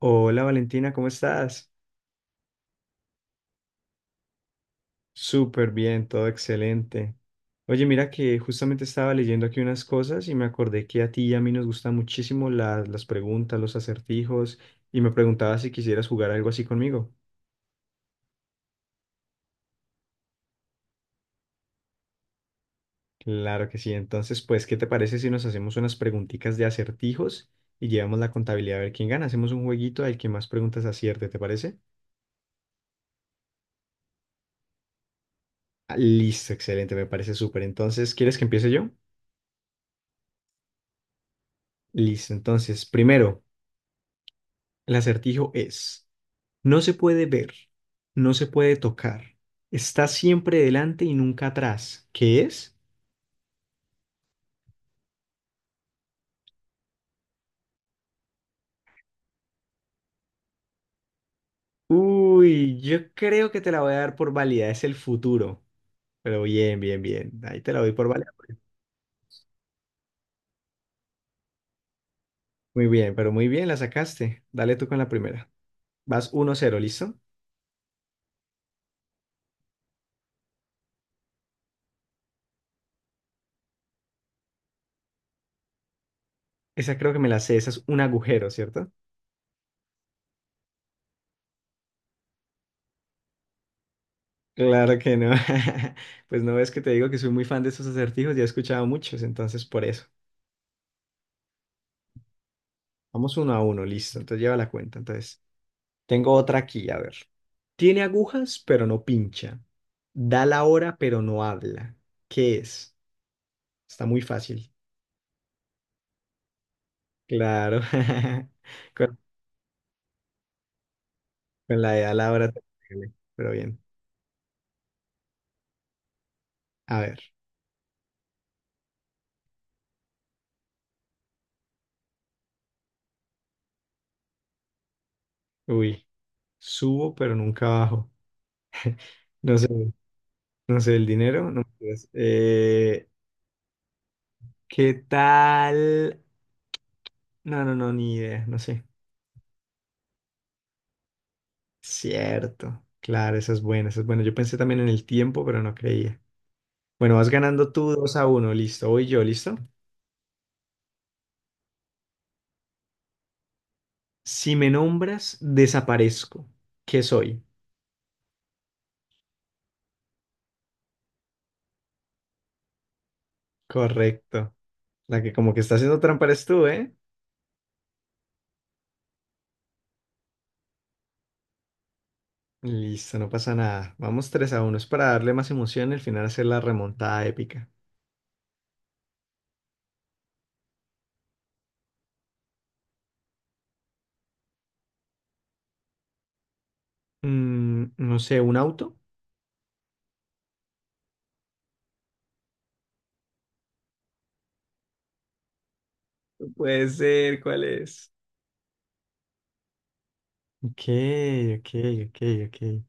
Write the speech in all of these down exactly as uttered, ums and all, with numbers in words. Hola Valentina, ¿cómo estás? Súper bien, todo excelente. Oye, mira que justamente estaba leyendo aquí unas cosas y me acordé que a ti y a mí nos gustan muchísimo la- las preguntas, los acertijos, y me preguntaba si quisieras jugar algo así conmigo. Claro que sí, entonces pues, ¿qué te parece si nos hacemos unas preguntitas de acertijos y llevamos la contabilidad a ver quién gana? Hacemos un jueguito al que más preguntas acierte, ¿te parece? Ah, listo, excelente, me parece súper. Entonces, ¿quieres que empiece yo? Listo, entonces, primero, el acertijo es... No se puede ver, no se puede tocar. Está siempre delante y nunca atrás. ¿Qué es? Uy, yo creo que te la voy a dar por válida. Es el futuro. Pero bien, bien, bien. Ahí te la doy por válida. Muy bien, pero muy bien, la sacaste. Dale tú con la primera. Vas uno cero, ¿listo? Esa creo que me la sé. Esa es un agujero, ¿cierto? Claro que no. Pues no ves que te digo que soy muy fan de estos acertijos. Ya he escuchado muchos, entonces por eso. Vamos uno a uno, listo. Entonces lleva la cuenta. Entonces. Tengo otra aquí, a ver. Tiene agujas, pero no pincha. Da la hora, pero no habla. ¿Qué es? Está muy fácil. Claro. Con, con la de da la hora, te duele, pero bien. A ver. Uy. Subo, pero nunca bajo. No sé, no sé, el dinero. No, mentiras. Eh, ¿qué tal? No, no, no, ni idea, no sé. Cierto. Claro, eso es bueno, eso es bueno. Yo pensé también en el tiempo, pero no creía. Bueno, vas ganando tú dos a uno, listo, voy yo, listo. Si me nombras, desaparezco. ¿Qué soy? Correcto. La que como que está haciendo trampa eres tú, ¿eh? Listo, no pasa nada. Vamos tres a uno. Es para darle más emoción y al final hacer la remontada épica. Mm, no sé, ¿un auto? No puede ser, ¿cuál es? Ok, ok, ok, ok.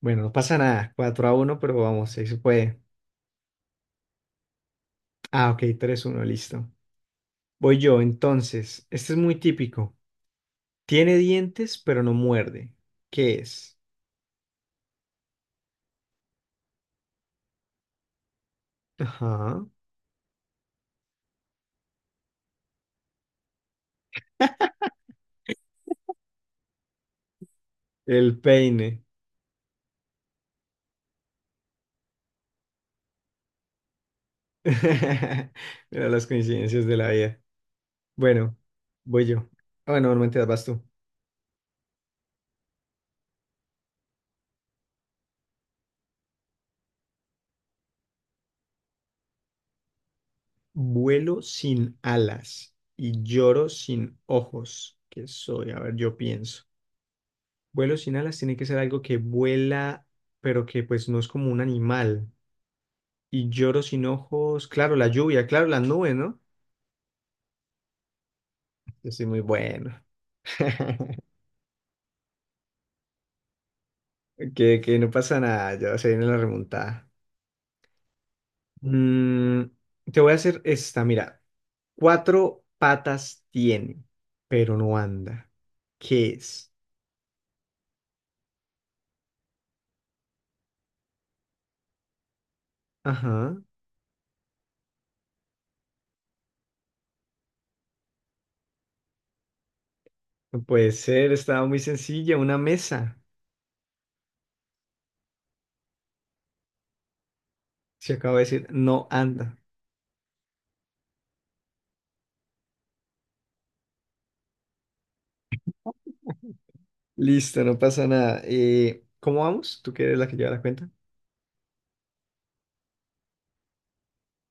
Bueno, no pasa nada, cuatro a uno, pero vamos, ahí se puede. Ah, ok, tres a uno, listo. Voy yo, entonces, este es muy típico. Tiene dientes, pero no muerde. ¿Qué es? Ajá. El peine. Mira las coincidencias de la vida. Bueno, voy yo. Ah, bueno, normalmente vas tú. Vuelo sin alas y lloro sin ojos. ¿Qué soy? A ver, yo pienso. Vuelo sin alas tiene que ser algo que vuela, pero que pues no es como un animal. Y lloro sin ojos. Claro, la lluvia, claro, las nubes, ¿no? Yo soy muy bueno. Que, que no pasa nada, ya se viene la remontada. Mm, Te voy a hacer esta, mira. Cuatro patas tiene, pero no anda. ¿Qué es? Ajá, no puede ser, estaba muy sencilla, una mesa. Se acaba de decir, no anda. Listo, no pasa nada. Eh, ¿cómo vamos? ¿Tú que eres la que lleva la cuenta?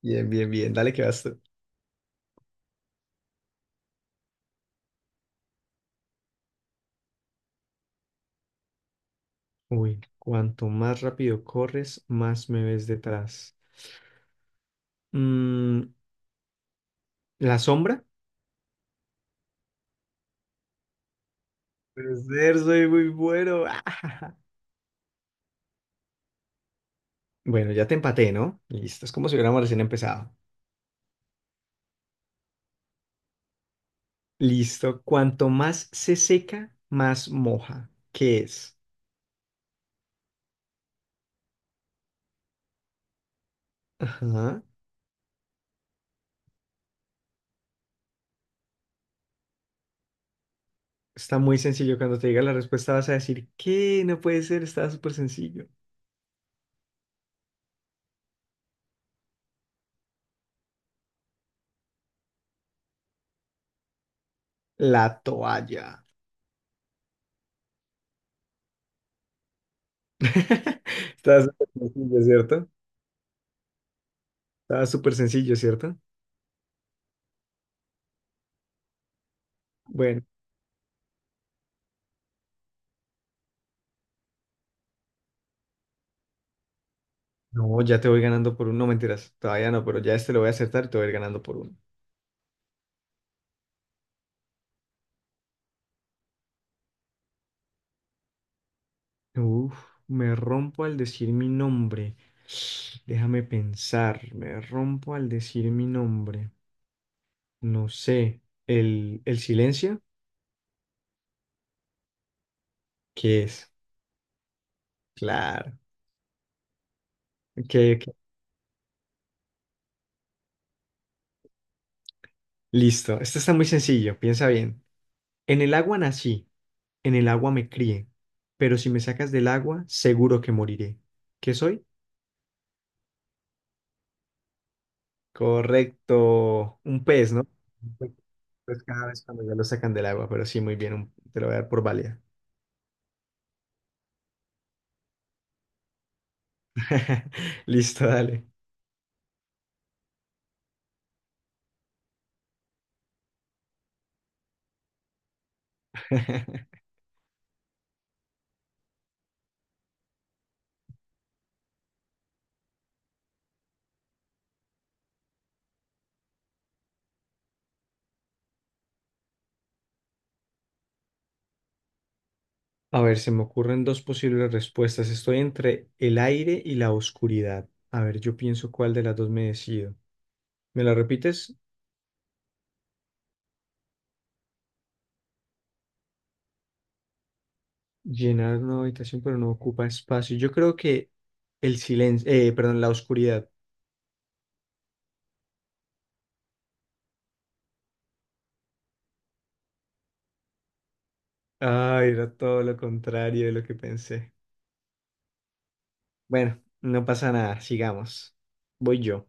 Bien, bien, bien, dale que vas tú. Uy, cuanto más rápido corres, más me ves detrás. Mm, ¿La sombra? Puede ser, soy muy bueno. Bueno, ya te empaté, ¿no? Listo, es como si hubiéramos recién empezado. Listo, cuanto más se seca, más moja. ¿Qué es? Ajá. Está muy sencillo. Cuando te diga la respuesta vas a decir, ¿qué? No puede ser, está súper sencillo. La toalla. ¿Estaba súper sencillo, ¿cierto? Estaba súper sencillo, ¿cierto? Bueno, no, ya te voy ganando por uno, no mentiras, todavía no, pero ya este lo voy a acertar y te voy a ir ganando por uno. Uf, me rompo al decir mi nombre. Déjame pensar, me rompo al decir mi nombre. No sé, el, el silencio, ¿qué es? Claro. Ok, ok. Listo, esto está muy sencillo, piensa bien. En el agua nací, en el agua me crié, pero si me sacas del agua, seguro que moriré. ¿Qué soy? Correcto, un pez, ¿no? Un pez. Pues cada vez cuando ya lo sacan del agua, pero sí, muy bien, un- te lo voy a dar por válida. Listo, dale. A ver, se me ocurren dos posibles respuestas. Estoy entre el aire y la oscuridad. A ver, yo pienso cuál de las dos me decido. ¿Me la repites? Llenar una habitación, pero no ocupa espacio. Yo creo que el silencio, eh, perdón, la oscuridad. Ay, era todo lo contrario de lo que pensé. Bueno, no pasa nada, sigamos. Voy yo.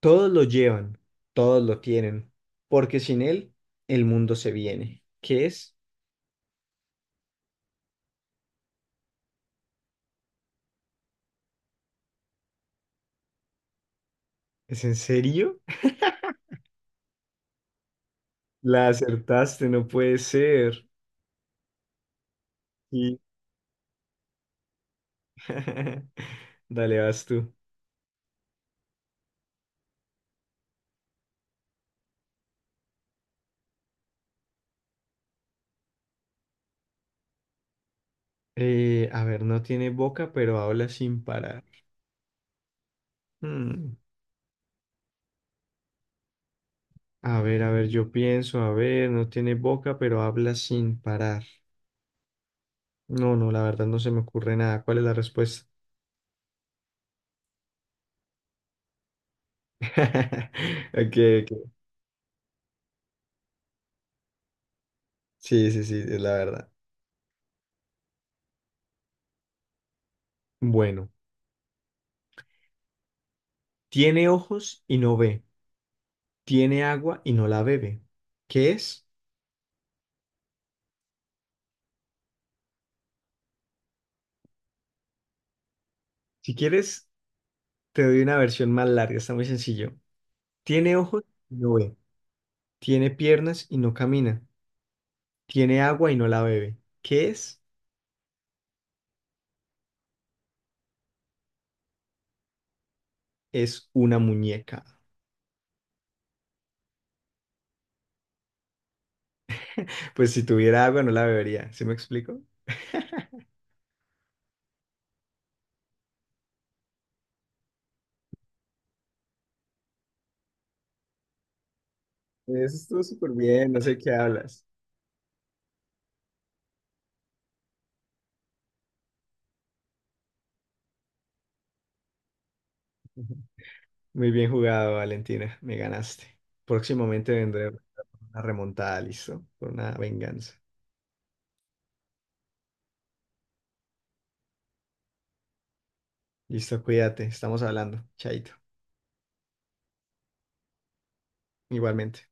Todos lo llevan, todos lo tienen, porque sin él el mundo se viene. ¿Qué es? ¿Es en serio? La acertaste, no puede ser. Y... Dale, vas tú. Eh, a ver, no tiene boca, pero habla sin parar. Hmm, A ver, a ver, yo pienso, a ver, no tiene boca, pero habla sin parar. No, no, la verdad no se me ocurre nada. ¿Cuál es la respuesta? Ok, ok. Sí, sí, sí, es la verdad. Bueno, tiene ojos y no ve. Tiene agua y no la bebe. ¿Qué es? Si quieres, te doy una versión más larga, está muy sencillo. Tiene ojos y no ve. Tiene piernas y no camina. Tiene agua y no la bebe. ¿Qué es? Es una muñeca. Pues si tuviera agua no la bebería. ¿Sí me explico? Eso estuvo súper bien, no sé qué hablas. Muy bien jugado, Valentina. Me ganaste. Próximamente vendré con una remontada, listo, por una venganza. Listo, cuídate. Estamos hablando. Chaito. Igualmente.